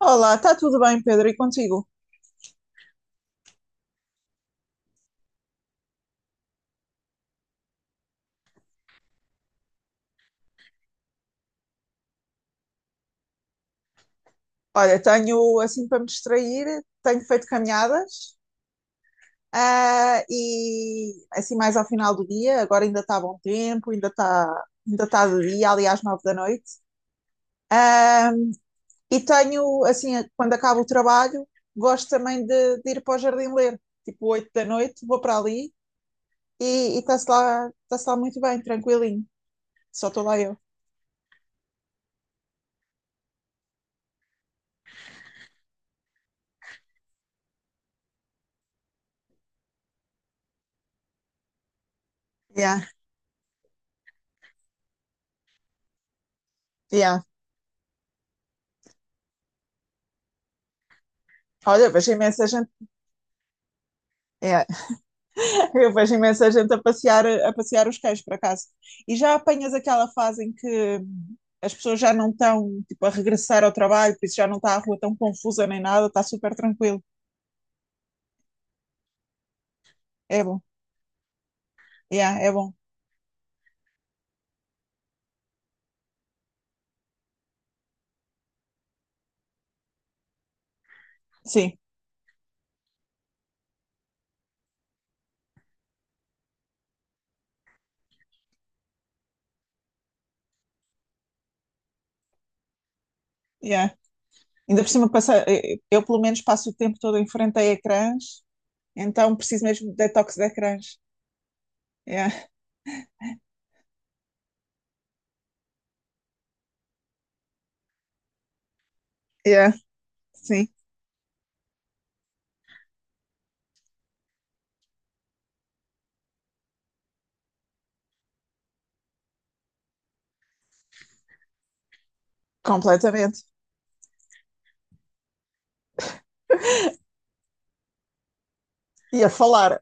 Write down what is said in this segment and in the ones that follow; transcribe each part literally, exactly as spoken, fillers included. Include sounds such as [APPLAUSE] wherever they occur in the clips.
Olá, está tudo bem, Pedro? E contigo? Olha, tenho assim para me distrair, tenho feito caminhadas, ah, e assim mais ao final do dia, agora ainda está bom tempo, ainda está ainda está de dia, ali às nove da noite. Ah, e tenho, assim, quando acabo o trabalho, gosto também de, de ir para o jardim ler, tipo oito da noite, vou para ali e e está-se lá, está-se lá muito bem, tranquilinho, só estou lá eu. Yeah, yeah. Olha, vejo imensa gente. Yeah, eu vejo imensa gente a passear, a passear os cães, por acaso. E já apanhas aquela fase em que as pessoas já não estão, tipo, a regressar ao trabalho, por isso já não está a rua tão confusa nem nada, está super tranquilo. É bom. Yeah, é bom. Sim, yeah. Ainda por cima, passa, eu eu pelo menos passo o tempo todo em frente a ecrãs, então preciso mesmo de detox de ecrãs. Yeah, yeah, sim, completamente. E a falar,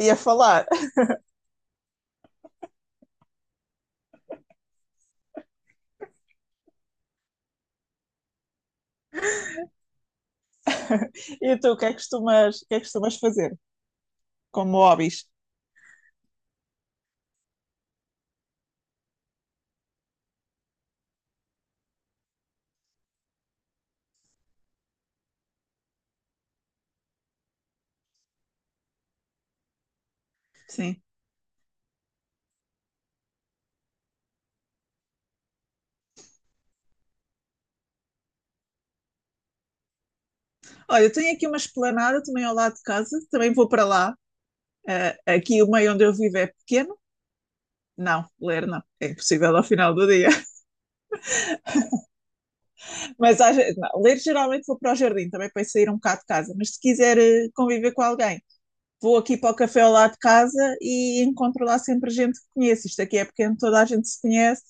e a falar. [LAUGHS] E tu, o que é que costumas, o que é que costumas fazer como hobbies? Sim. Olha, eu tenho aqui uma esplanada também ao lado de casa, também vou para lá. Eh, aqui o meio onde eu vivo é pequeno. Não, ler não, é impossível ao final do dia. [LAUGHS] Mas às ve- não, ler geralmente vou para o jardim, também para sair um bocado de casa. Mas se quiser eh, conviver com alguém, vou aqui para o café ao lado de casa e encontro lá sempre gente que conheço. Isto aqui é pequeno, toda a gente se conhece.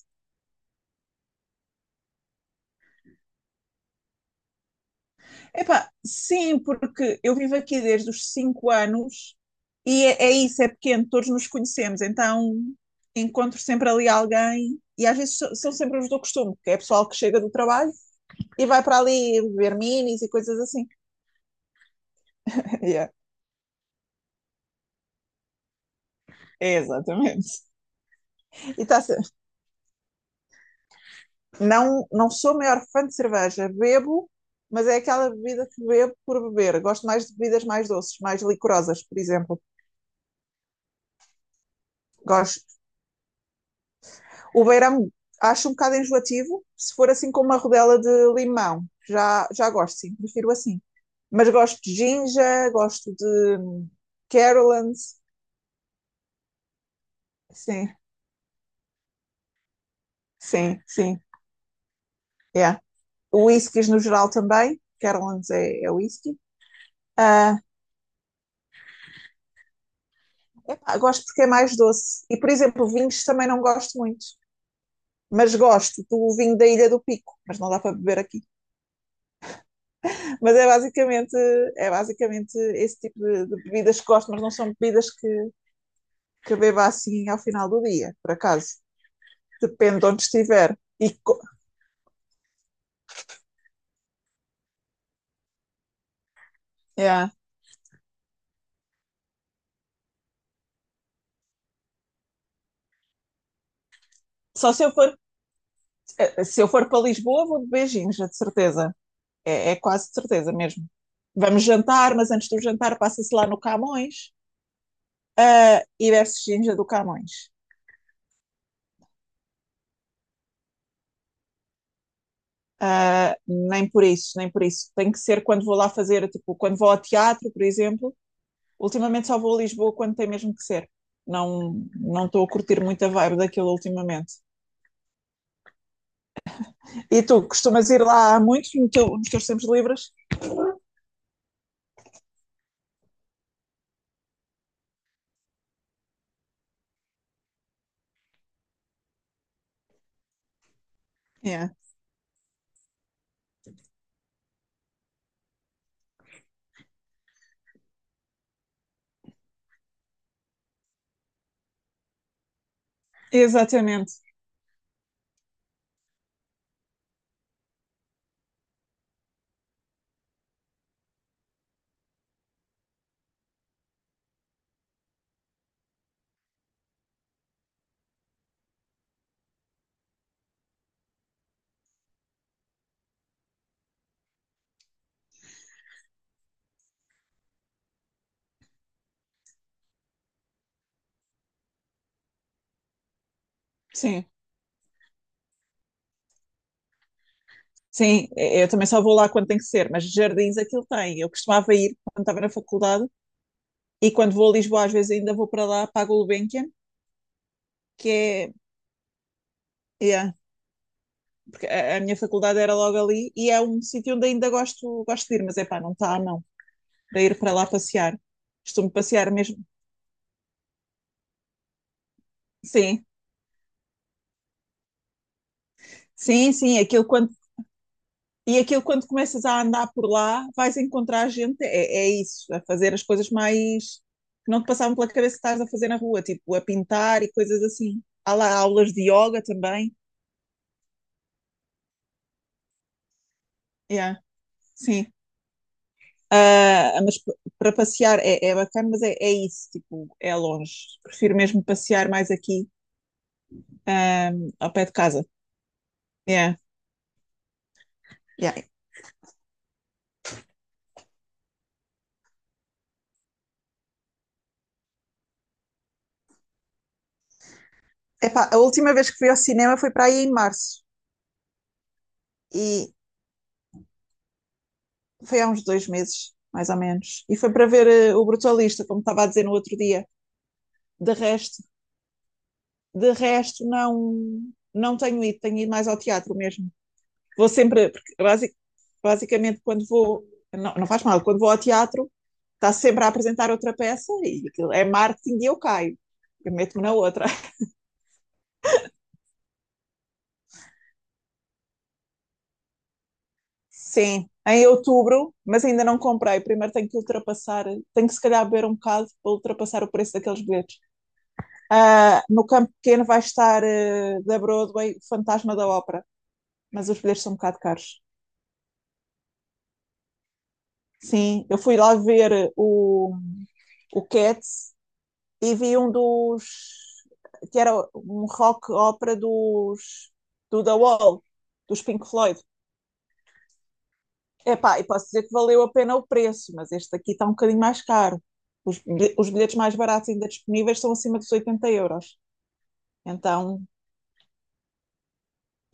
Epá, sim, porque eu vivo aqui desde os cinco anos e é, é isso, é pequeno, todos nos conhecemos, então encontro sempre ali alguém e às vezes so- são sempre os do costume, que é pessoal que chega do trabalho e vai para ali ver minis e coisas assim. [LAUGHS] Yeah, é exatamente. E tá, se- não, não sou a maior fã de cerveja, bebo, mas é aquela bebida que bebo por beber. Gosto mais de bebidas mais doces, mais licorosas, por exemplo. Gosto. O beirão acho um bocado enjoativo, se for assim com uma rodela de limão. Já, já gosto, sim, prefiro assim. Mas gosto de ginger, gosto de Carolans, sim, sim, sim, yeah. Whiskies no geral também, Carolans é, é whisky. Ah, epá, gosto porque é mais doce. E, por exemplo, vinhos também não gosto muito. Mas gosto do vinho da Ilha do Pico, mas não dá para beber aqui. Mas é basicamente, é basicamente esse tipo de, de bebidas que gosto, mas não são bebidas que, que beba assim ao final do dia, por acaso. Depende de onde estiver. E, co- é. Só se eu for, eh, se eu for para Lisboa, vou de beijinhos, é de certeza. É, é quase de certeza mesmo. Vamos jantar, mas antes do jantar passa-se lá no Camões e bebe-se ginja do Camões. Ah, nem por isso, nem por isso. Tem que ser quando vou lá fazer, tipo, quando vou ao teatro, por exemplo. Ultimamente só vou a Lisboa quando tem mesmo que ser. Não, não estou a curtir muito a vibe daquilo ultimamente. E tu costumas ir lá há muito no teu- nos teus tempos livres? É, exatamente, sim. Sim, eu também só vou lá quando tem que ser, mas jardins aquilo tem. Eu costumava ir quando estava na faculdade e quando vou a Lisboa, às vezes ainda vou para lá, para a Gulbenkian, que é, yeah, porque a, a minha faculdade era logo ali e é um sítio onde ainda gosto, gosto de ir, mas é pá, não está não, para ir para lá passear. Costumo passear mesmo. Sim, sim, sim, aquilo quando. E aquilo, quando começas a andar por lá, vais encontrar gente, é, é isso, a fazer as coisas mais que não te passavam pela cabeça que estás a fazer na rua, tipo a pintar e coisas assim. Há lá aulas de yoga também. Yeah, sim. Ah, mas p- Para passear é, é bacana, mas é, é isso, tipo, é longe. Prefiro mesmo passear mais aqui, ah, ao pé de casa. Yeah. Yeah. Epá, a última vez que fui ao cinema foi para aí em março. E foi há uns dois meses, mais ou menos. E foi para ver uh, o Brutalista, como estava a dizer no outro dia. De resto, de resto não, não tenho ido, tenho ido mais ao teatro mesmo. Vou sempre, porque basic, basicamente quando vou, não, não faz mal, quando vou ao teatro, está sempre a apresentar outra peça e é marketing e eu caio. Eu meto-me na outra. [LAUGHS] Sim, em outubro, mas ainda não comprei. Primeiro tenho que ultrapassar, tenho que se calhar beber um bocado para ultrapassar o preço daqueles bilhetes. Ah, no campo pequeno vai estar ah, da Broadway o Fantasma da Ópera, mas os bilhetes são um bocado caros. Sim, eu fui lá ver o, o Cats e vi um dos que era um rock ópera dos do The Wall, dos Pink Floyd. Epá, e posso dizer que valeu a pena o preço, mas este aqui está um bocadinho mais caro. Os, os bilhetes mais baratos ainda disponíveis são acima dos oitenta euros. Então,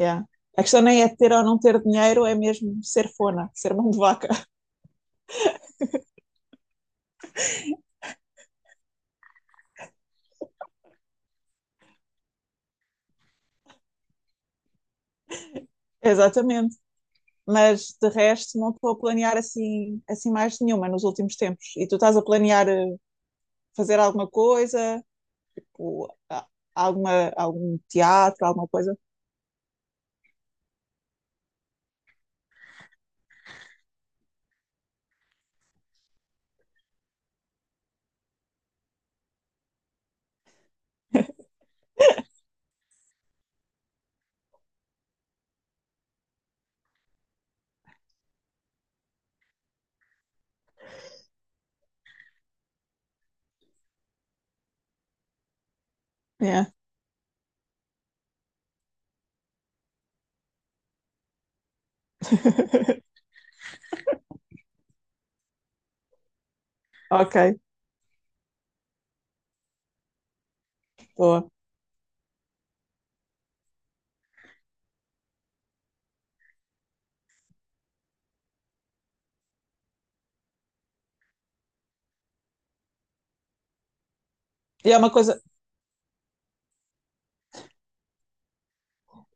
yeah. A questão nem é ter ou não ter dinheiro, é mesmo ser fona, ser mão de vaca. [LAUGHS] Exatamente. Mas de resto não estou a planear assim, assim mais nenhuma nos últimos tempos. E tu estás a planear eh, fazer alguma coisa, Tipo, a- alguma, algum teatro, alguma coisa? Yeah. [LAUGHS] Ok, boa. E é uma coisa.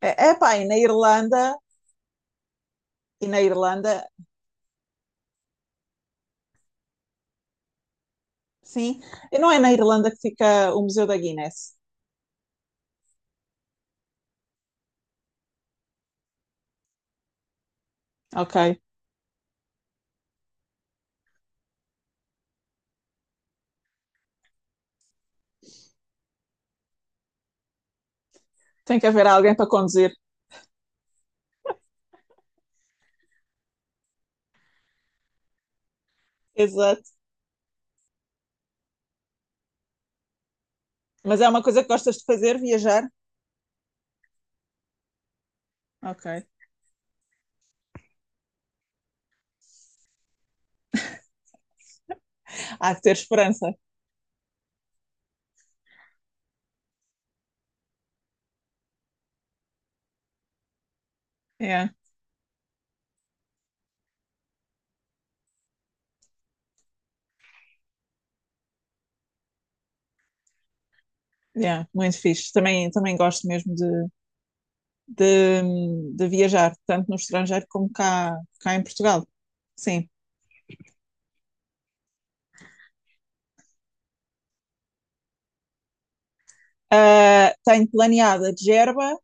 É, é pá, e na Irlanda, e na Irlanda, sim, e não é na Irlanda que fica o Museu da Guinness. Ok. Tem que haver alguém para conduzir. Exato. Mas é uma coisa que gostas de fazer, viajar? Ok. Há de ter esperança. Yeah. Yeah, muito fixe. Também, também gosto mesmo de, de, de viajar, tanto no estrangeiro como cá, cá em Portugal. Sim. Ah, tenho planeada a de Gerba,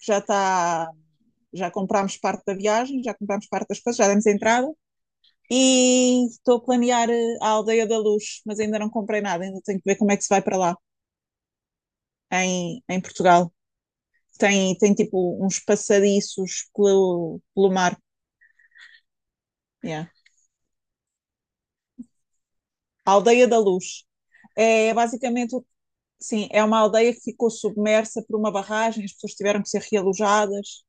que já está. Já comprámos parte da viagem, já comprámos parte das coisas, já demos a entrada. E estou a planear eh, a Aldeia da Luz, mas ainda não comprei nada, ainda tenho que ver como é que se vai para lá, em, em Portugal. Tem, tem tipo uns passadiços pelo, pelo mar. Yeah. A Aldeia da Luz. É basicamente, sim, é uma aldeia que ficou submersa por uma barragem, as pessoas tiveram que ser realojadas.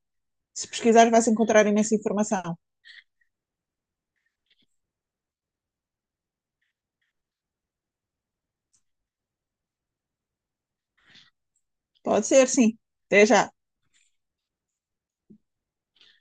Se pesquisares, vais encontrar imensa informação. Pode ser, sim. Até já.